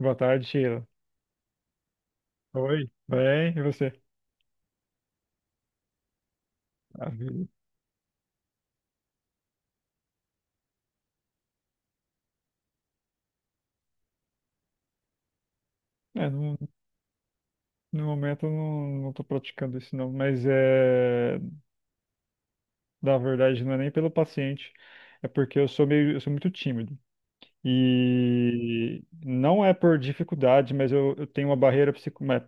Boa tarde, Sheila. Oi, bem, e você? A vida. É, no momento eu não tô praticando isso não, mas é, na verdade não é nem pelo paciente, é porque eu sou meio, eu sou muito tímido. E não é por dificuldade, mas eu tenho uma barreira mas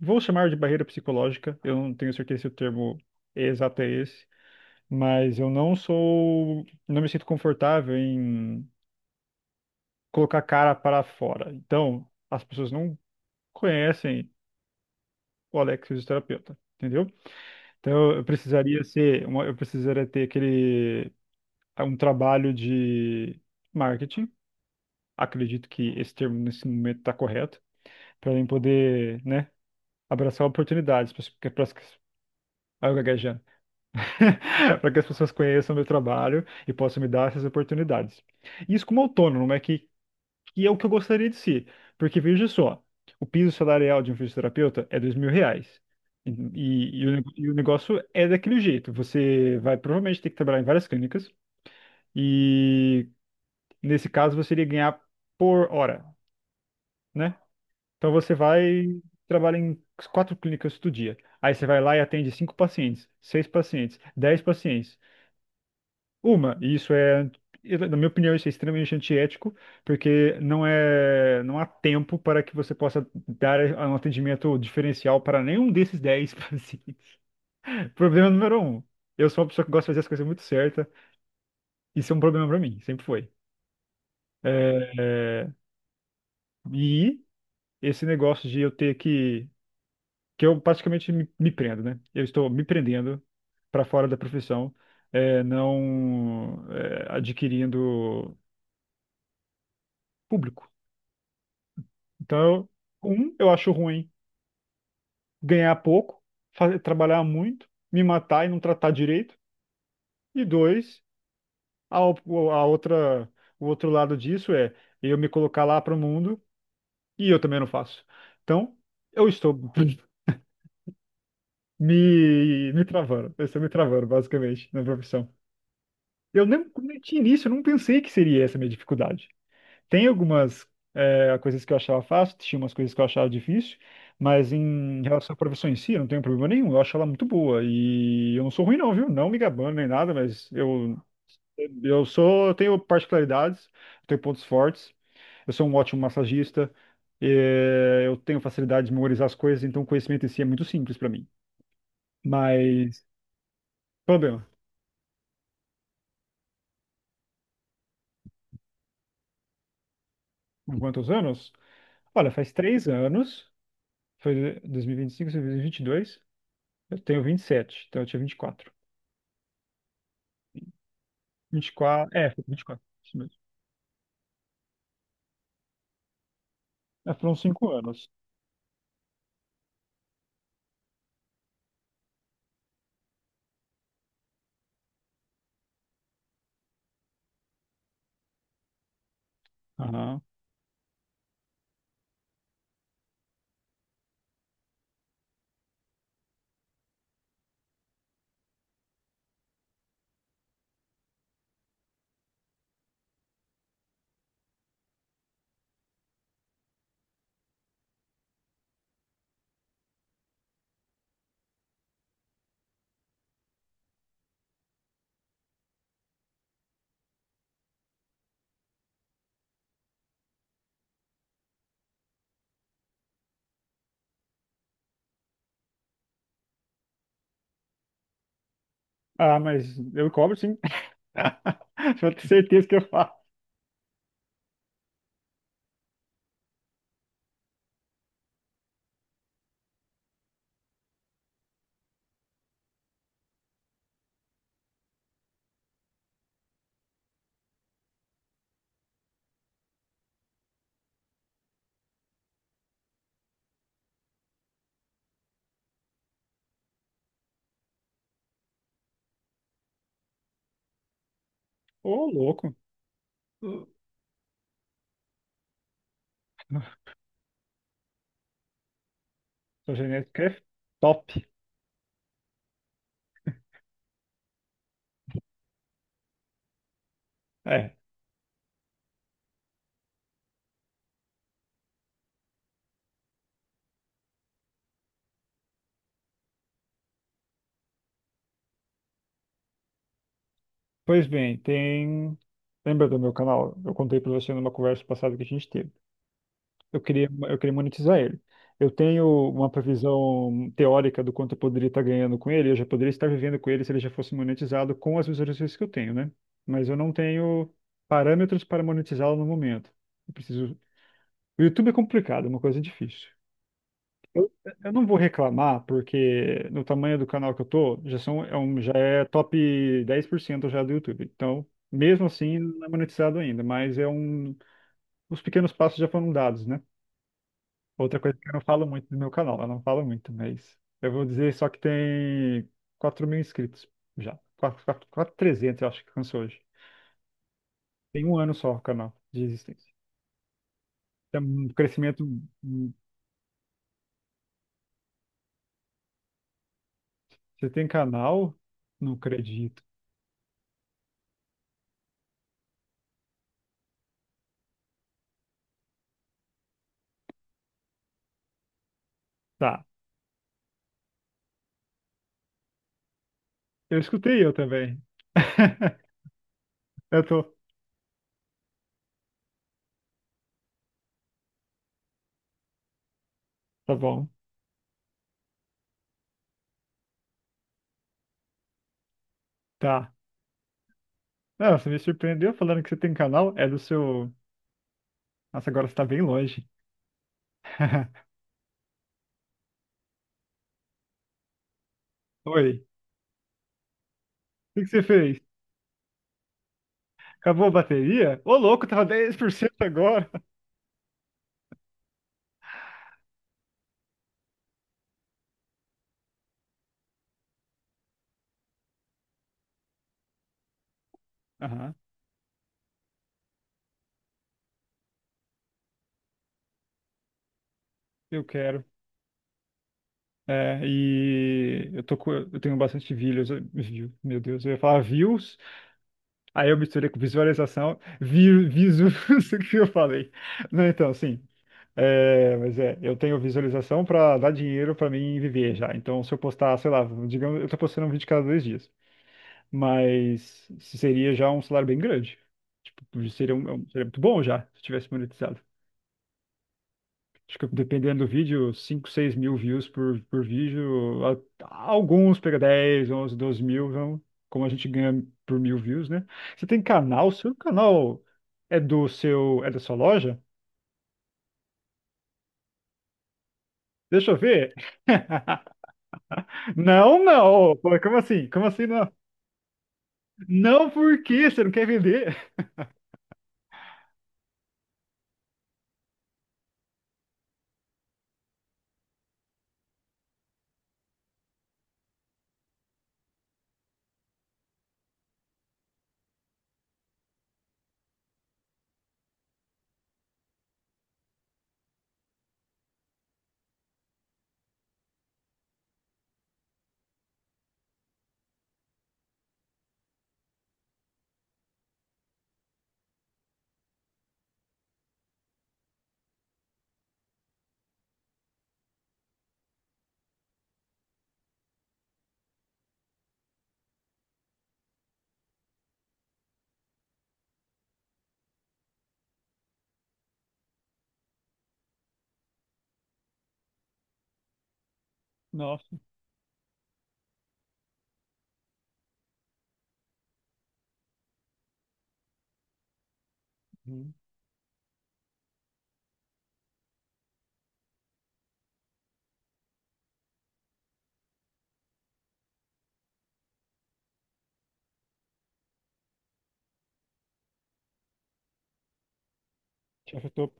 vou chamar de barreira psicológica, eu não tenho certeza se o termo exato é esse, mas eu não sou, não me sinto confortável em colocar a cara para fora. Então, as pessoas não conhecem o Alex fisioterapeuta, entendeu? Então eu precisaria eu precisaria ter aquele um trabalho de marketing. Acredito que esse termo nesse momento está correto para eu poder, né, abraçar oportunidades para as para gaguejando. Para que as pessoas conheçam meu trabalho e possam me dar essas oportunidades. Isso como autônomo, é que e é o que eu gostaria de ser. Porque veja só, o piso salarial de um fisioterapeuta é R$ 2.000. E o negócio é daquele jeito. Você vai provavelmente ter que trabalhar em várias clínicas e nesse caso você iria ganhar por hora, né? Então você vai trabalha em quatro clínicas do dia. Aí você vai lá e atende cinco pacientes, seis pacientes, 10 pacientes. Uma, e isso é, na minha opinião, isso é extremamente antiético, porque não é, não há tempo para que você possa dar um atendimento diferencial para nenhum desses 10 pacientes. Problema número um. Eu sou uma pessoa que gosta de fazer as coisas muito certas. Isso é um problema para mim, sempre foi. É, é, e esse negócio de eu ter que eu praticamente me prendo, né? Eu estou me prendendo para fora da profissão, é, não é, adquirindo público. Então, eu acho ruim ganhar pouco, trabalhar muito, me matar e não tratar direito. E dois, a, o- a outra, o outro lado disso é eu me colocar lá para o mundo e eu também não faço. Então, eu estou me travando, eu estou me travando, basicamente, na profissão. Eu nem tinha início, eu não pensei que seria essa a minha dificuldade. Tem algumas coisas que eu achava fácil, tinha umas coisas que eu achava difícil, mas em relação à profissão em si, eu não tenho problema nenhum. Eu acho ela muito boa e eu não sou ruim não, viu? Não me gabando nem nada, mas eu tenho particularidades, eu tenho pontos fortes. Eu sou um ótimo massagista, eu tenho facilidade de memorizar as coisas, então o conhecimento em si é muito simples para mim. Mas problema, com quantos anos? Olha, faz 3 anos, foi 2022. Eu tenho 27, então eu tinha 24. 24. É, foi 24. Isso mesmo. É, foram 5 anos. Aham. Ah, mas eu cobro sim. Pode ter certeza que eu faço. Ô, louco. Sua genética é top. É. Pois bem, tem. Lembra do meu canal? Eu contei pra você numa conversa passada que a gente teve. Eu queria monetizar ele. Eu tenho uma previsão teórica do quanto eu poderia estar ganhando com ele, eu já poderia estar vivendo com ele se ele já fosse monetizado com as visualizações que eu tenho, né? Mas eu não tenho parâmetros para monetizá-lo no momento. Eu preciso. O YouTube é complicado, é uma coisa difícil. Eu, eu não vou reclamar, porque no tamanho do canal que eu tô, já é top 10% já do YouTube. Então, mesmo assim, não é monetizado ainda, mas os pequenos passos já foram dados, né? Outra coisa que eu não falo muito do meu canal, eu não falo muito, mas eu vou dizer só que tem 4.000 inscritos já. Quatro mil e trezentos eu acho que alcançou hoje. Tem um ano só o canal de existência. Tem um crescimento. hum, Você tem canal? Não acredito. Tá. Eu escutei eu também. Eu tô. Tá bom. Tá. Não, você me surpreendeu falando que você tem canal. É do seu. Nossa, agora você tá bem longe. Oi. O que que você fez? Acabou a bateria? Ô, louco, tava 10% agora. Aham, eu quero. É, e eu tenho bastante views, view, meu Deus, eu ia falar views, aí eu misturei com visualização, o que eu falei. Não, então, sim, mas eu tenho visualização pra dar dinheiro pra mim viver já. Então, se eu postar, sei lá, digamos, eu tô postando um vídeo cada 2 dias, mas seria já um salário bem grande. Tipo, seria muito bom já, se tivesse monetizado. Acho que dependendo do vídeo, 5, 6.000 views por vídeo. Alguns pega 10, 11, 12 mil, vão, como a gente ganha por mil views, né? Você tem canal, seu canal é da sua loja? Deixa eu ver. Não, não. Pô, como assim? Como assim não? Não, por quê? Você não quer vender? Nossa, uhum. Te afetou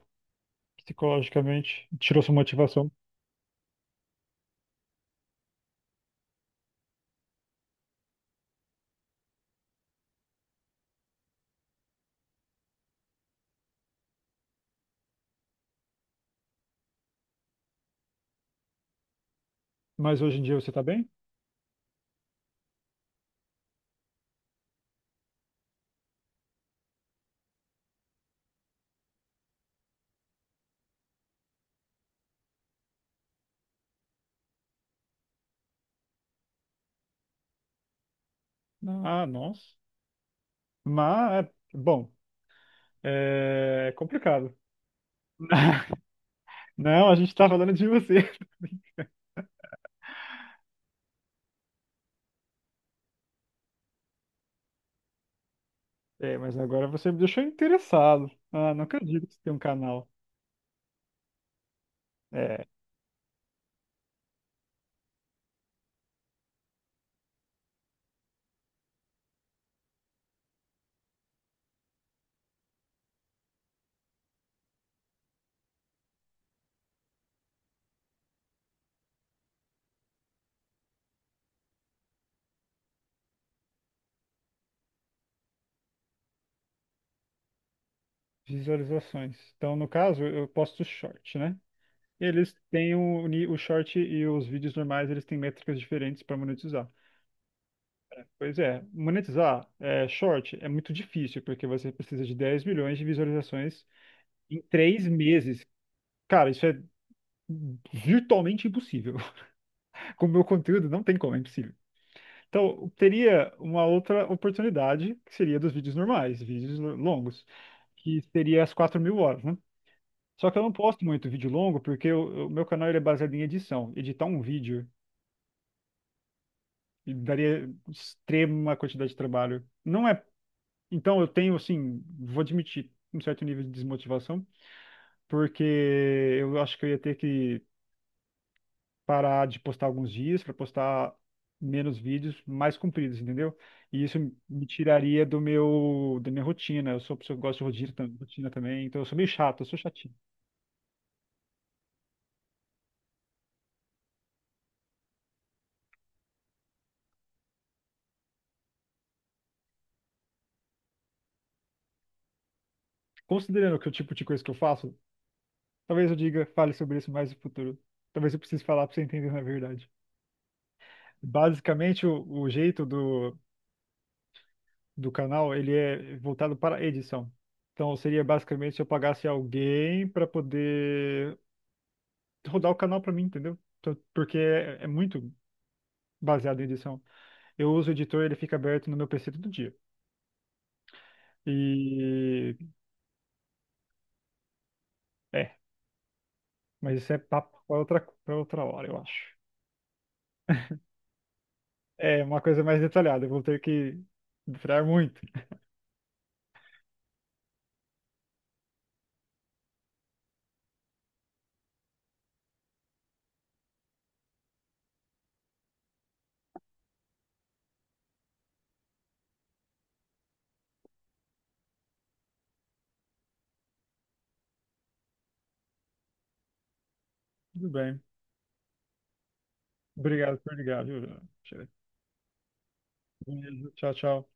psicologicamente, tirou sua motivação. Mas hoje em dia você tá bem? Não. Ah, nossa. Mas, bom, é complicado. Não, a gente tá falando de você. É, mas agora você me deixou interessado. Ah, não acredito que você tem um canal. É, visualizações. Então, no caso, eu posto short, né? Eles têm o short e os vídeos normais, eles têm métricas diferentes para monetizar. Pois é, monetizar é, short é muito difícil, porque você precisa de 10 milhões de visualizações em 3 meses. Cara, isso é virtualmente impossível. Com o meu conteúdo, não tem como, é impossível. Então, teria uma outra oportunidade, que seria dos vídeos normais, vídeos longos, que seria as 4.000 horas, né? Só que eu não posto muito vídeo longo, porque o meu canal ele é baseado em edição. Editar um vídeo daria extrema quantidade de trabalho. Não é. Então, eu tenho, assim, vou admitir, um certo nível de desmotivação, porque eu acho que eu ia ter que parar de postar alguns dias para postar menos vídeos mais compridos, entendeu? E isso me tiraria do meu da minha rotina. Eu sou uma pessoa que gosta de rotina, rotina também, então eu sou meio chato, eu sou chatinho. Considerando que o tipo de coisa que eu faço, talvez fale sobre isso mais no futuro. Talvez eu precise falar para você entender na verdade. Basicamente, o jeito do canal, ele é voltado para edição. Então, seria basicamente se eu pagasse alguém para poder rodar o canal para mim, entendeu? Então, porque é muito baseado em edição. Eu uso o editor, ele fica aberto no meu PC todo dia. E é, mas isso é papo para outra hora, eu acho. É uma coisa mais detalhada, eu vou ter que entrar muito. Tudo bem. Obrigado por ligar, viu? Beleza. Tchau, tchau.